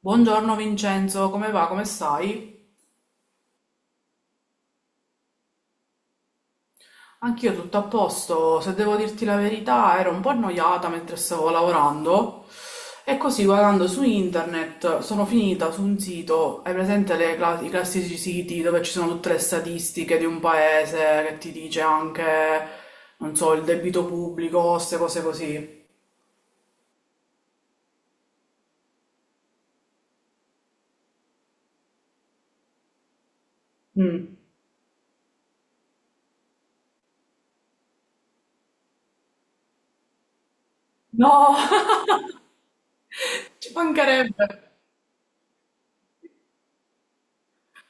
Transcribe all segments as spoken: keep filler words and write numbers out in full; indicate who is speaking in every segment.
Speaker 1: Buongiorno Vincenzo, come va? Come stai? Anch'io tutto a posto, se devo dirti la verità, ero un po' annoiata mentre stavo lavorando e così guardando su internet sono finita su un sito, hai presente le cla- i classici siti dove ci sono tutte le statistiche di un paese che ti dice anche, non so, il debito pubblico, queste cose così. Mm. No, ci mancherebbe.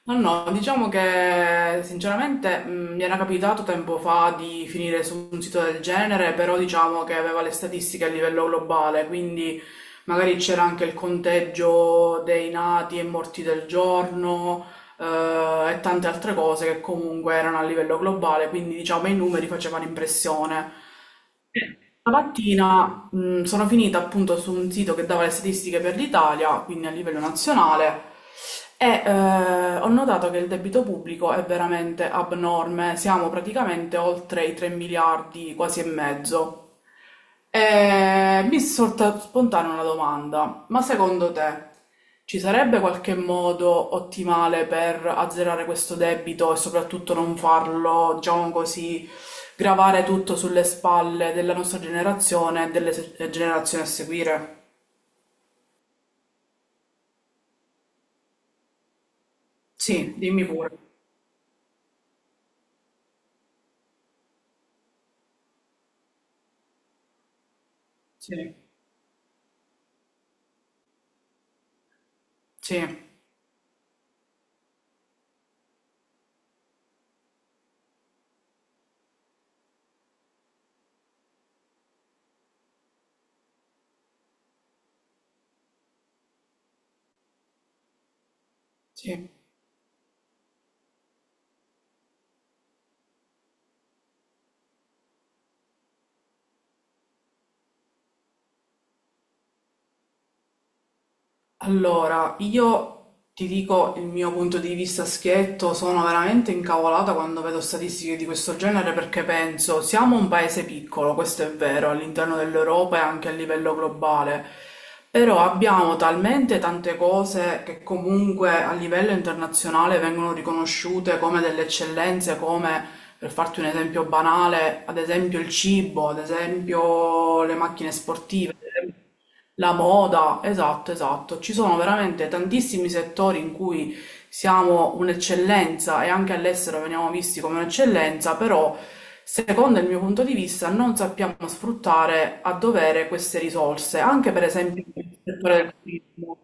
Speaker 1: Ma no, diciamo che sinceramente mh, mi era capitato tempo fa di finire su un sito del genere, però diciamo che aveva le statistiche a livello globale, quindi magari c'era anche il conteggio dei nati e morti del giorno, eh, e tante altre cose che comunque erano a livello globale, quindi diciamo i numeri facevano impressione. Stamattina prima mh, sono finita appunto su un sito che dava le statistiche per l'Italia, quindi a livello nazionale, e eh, ho notato che il debito pubblico è veramente abnorme, siamo praticamente oltre i tre miliardi, quasi e mezzo. E mi è sorta spontanea una domanda, ma secondo te ci sarebbe qualche modo ottimale per azzerare questo debito e soprattutto non farlo, diciamo così, gravare tutto sulle spalle della nostra generazione e delle se- generazioni a seguire? Sì, dimmi pure. Sì, sì, sì. Allora, io ti dico il mio punto di vista schietto, sono veramente incavolata quando vedo statistiche di questo genere perché penso, siamo un paese piccolo, questo è vero, all'interno dell'Europa e anche a livello globale, però abbiamo talmente tante cose che comunque a livello internazionale vengono riconosciute come delle eccellenze, come, per farti un esempio banale, ad esempio il cibo, ad esempio le macchine sportive. La moda, esatto, esatto. Ci sono veramente tantissimi settori in cui siamo un'eccellenza e anche all'estero veniamo visti come un'eccellenza, però secondo il mio punto di vista non sappiamo sfruttare a dovere queste risorse, anche per esempio nel settore del turismo.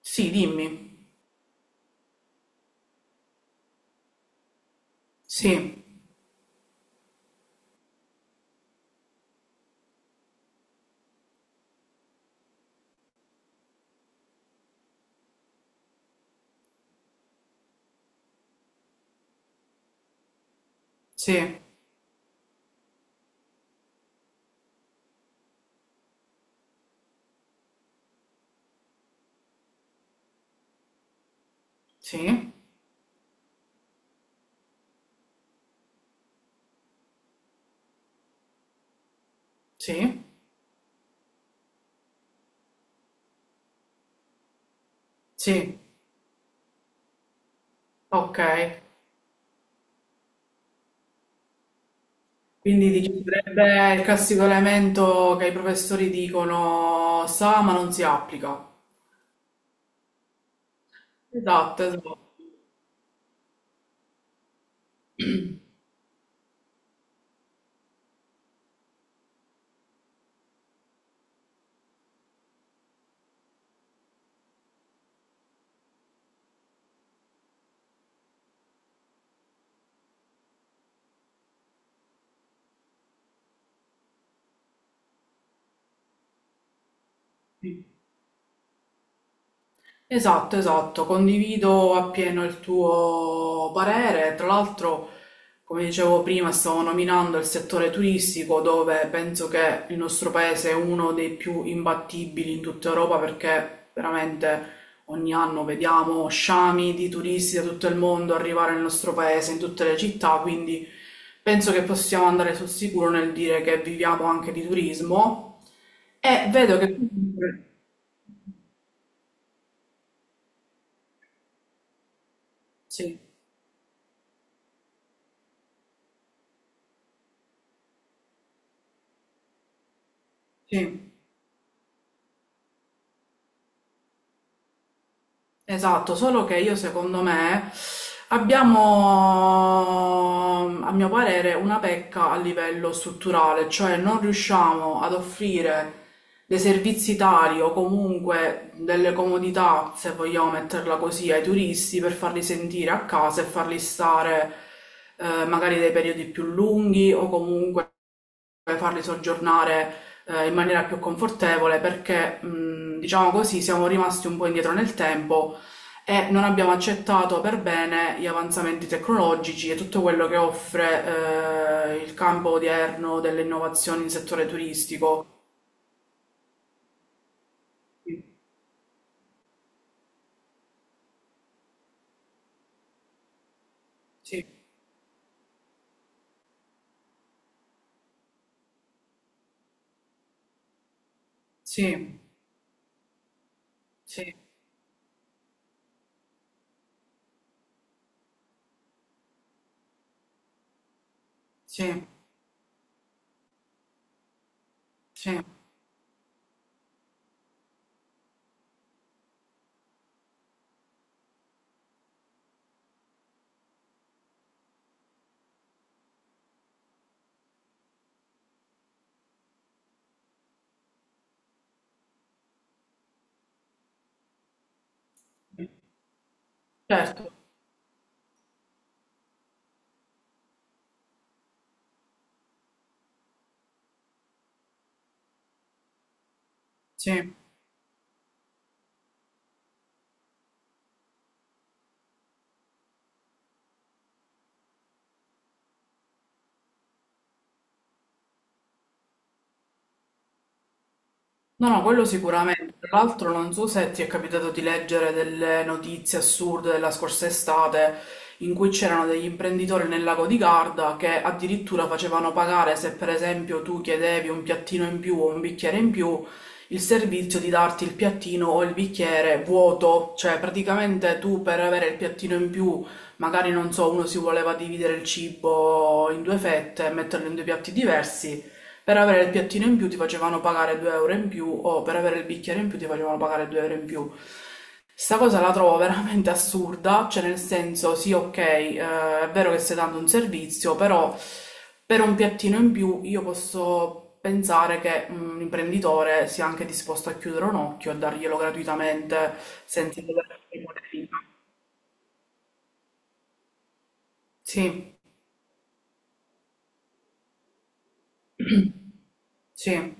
Speaker 1: Sì, dimmi. Sì, sì, sì, sì, sì. Ok. Quindi dici, sarebbe il classico elemento che i professori dicono sa ma non si applica. Esatto, esatto. Esatto, esatto, condivido appieno il tuo parere. Tra l'altro, come dicevo prima, stavo nominando il settore turistico dove penso che il nostro paese è uno dei più imbattibili in tutta Europa perché veramente ogni anno vediamo sciami di turisti da tutto il mondo arrivare nel nostro paese, in tutte le città, quindi penso che possiamo andare sul sicuro nel dire che viviamo anche di turismo. E vedo che... tu... Sì. Sì, esatto, solo che io secondo me abbiamo, a mio parere, una pecca a livello strutturale, cioè non riusciamo ad offrire dei servizi tali o comunque delle comodità, se vogliamo metterla così, ai turisti per farli sentire a casa e farli stare eh, magari dei periodi più lunghi o e farli soggiornare eh, in maniera più confortevole perché, mh, diciamo così, siamo rimasti un po' indietro nel tempo e non abbiamo accettato per bene gli avanzamenti tecnologici e tutto quello che offre eh, il campo odierno delle innovazioni in settore turistico. Sì, sì, sì, sì, sì, certo, sì. No, no, quello sicuramente. Tra l'altro non so se ti è capitato di leggere delle notizie assurde della scorsa estate in cui c'erano degli imprenditori nel lago di Garda che addirittura facevano pagare se per esempio tu chiedevi un piattino in più o un bicchiere in più, il servizio di darti il piattino o il bicchiere vuoto, cioè praticamente tu per avere il piattino in più, magari non so, uno si voleva dividere il cibo in due fette e metterlo in due piatti diversi. Per avere il piattino in più ti facevano pagare due euro in più o per avere il bicchiere in più ti facevano pagare due euro in più. Sta cosa la trovo veramente assurda, cioè nel senso sì, ok, eh, è vero che stai dando un servizio, però per un piattino in più io posso pensare che un imprenditore sia anche disposto a chiudere un occhio e darglielo gratuitamente senza dover fare qualcosa. Sì, sì,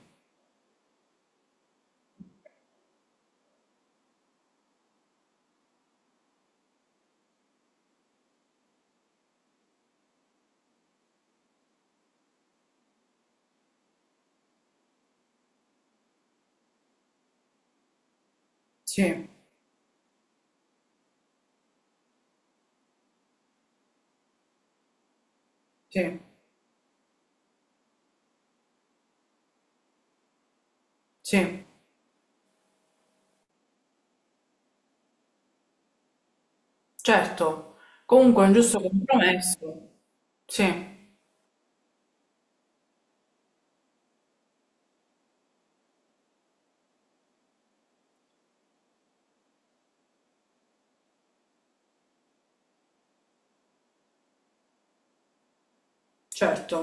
Speaker 1: sì, sì, sì. Certo, comunque è un giusto compromesso. Sì, certo,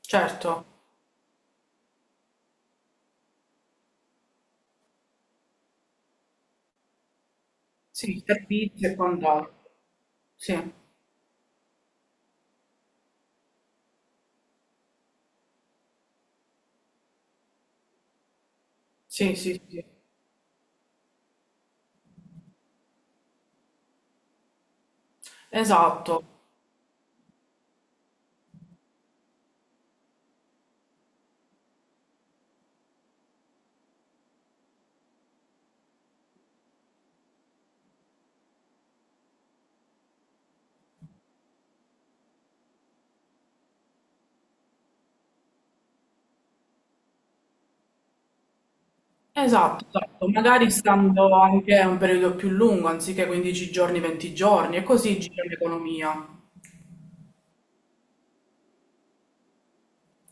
Speaker 1: certo. Sì, servizi e quant'altro. Sì, sì, sì, sì. Esatto, esatto, esatto. Magari stando anche un periodo più lungo, anziché quindici giorni, venti giorni, e così gira l'economia.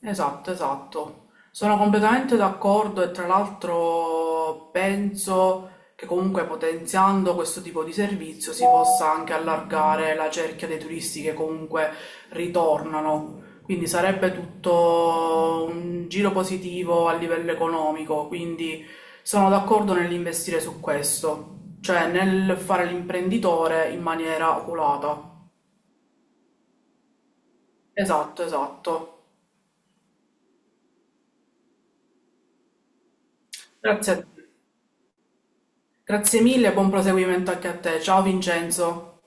Speaker 1: Esatto, esatto. Sono completamente d'accordo e tra l'altro penso che comunque potenziando questo tipo di servizio si possa anche allargare la cerchia dei turisti che comunque ritornano. Quindi sarebbe tutto un giro positivo a livello economico, quindi sono d'accordo nell'investire su questo, cioè nel fare l'imprenditore in maniera oculata. Esatto, esatto. Grazie a Grazie mille e buon proseguimento anche a te. Ciao Vincenzo.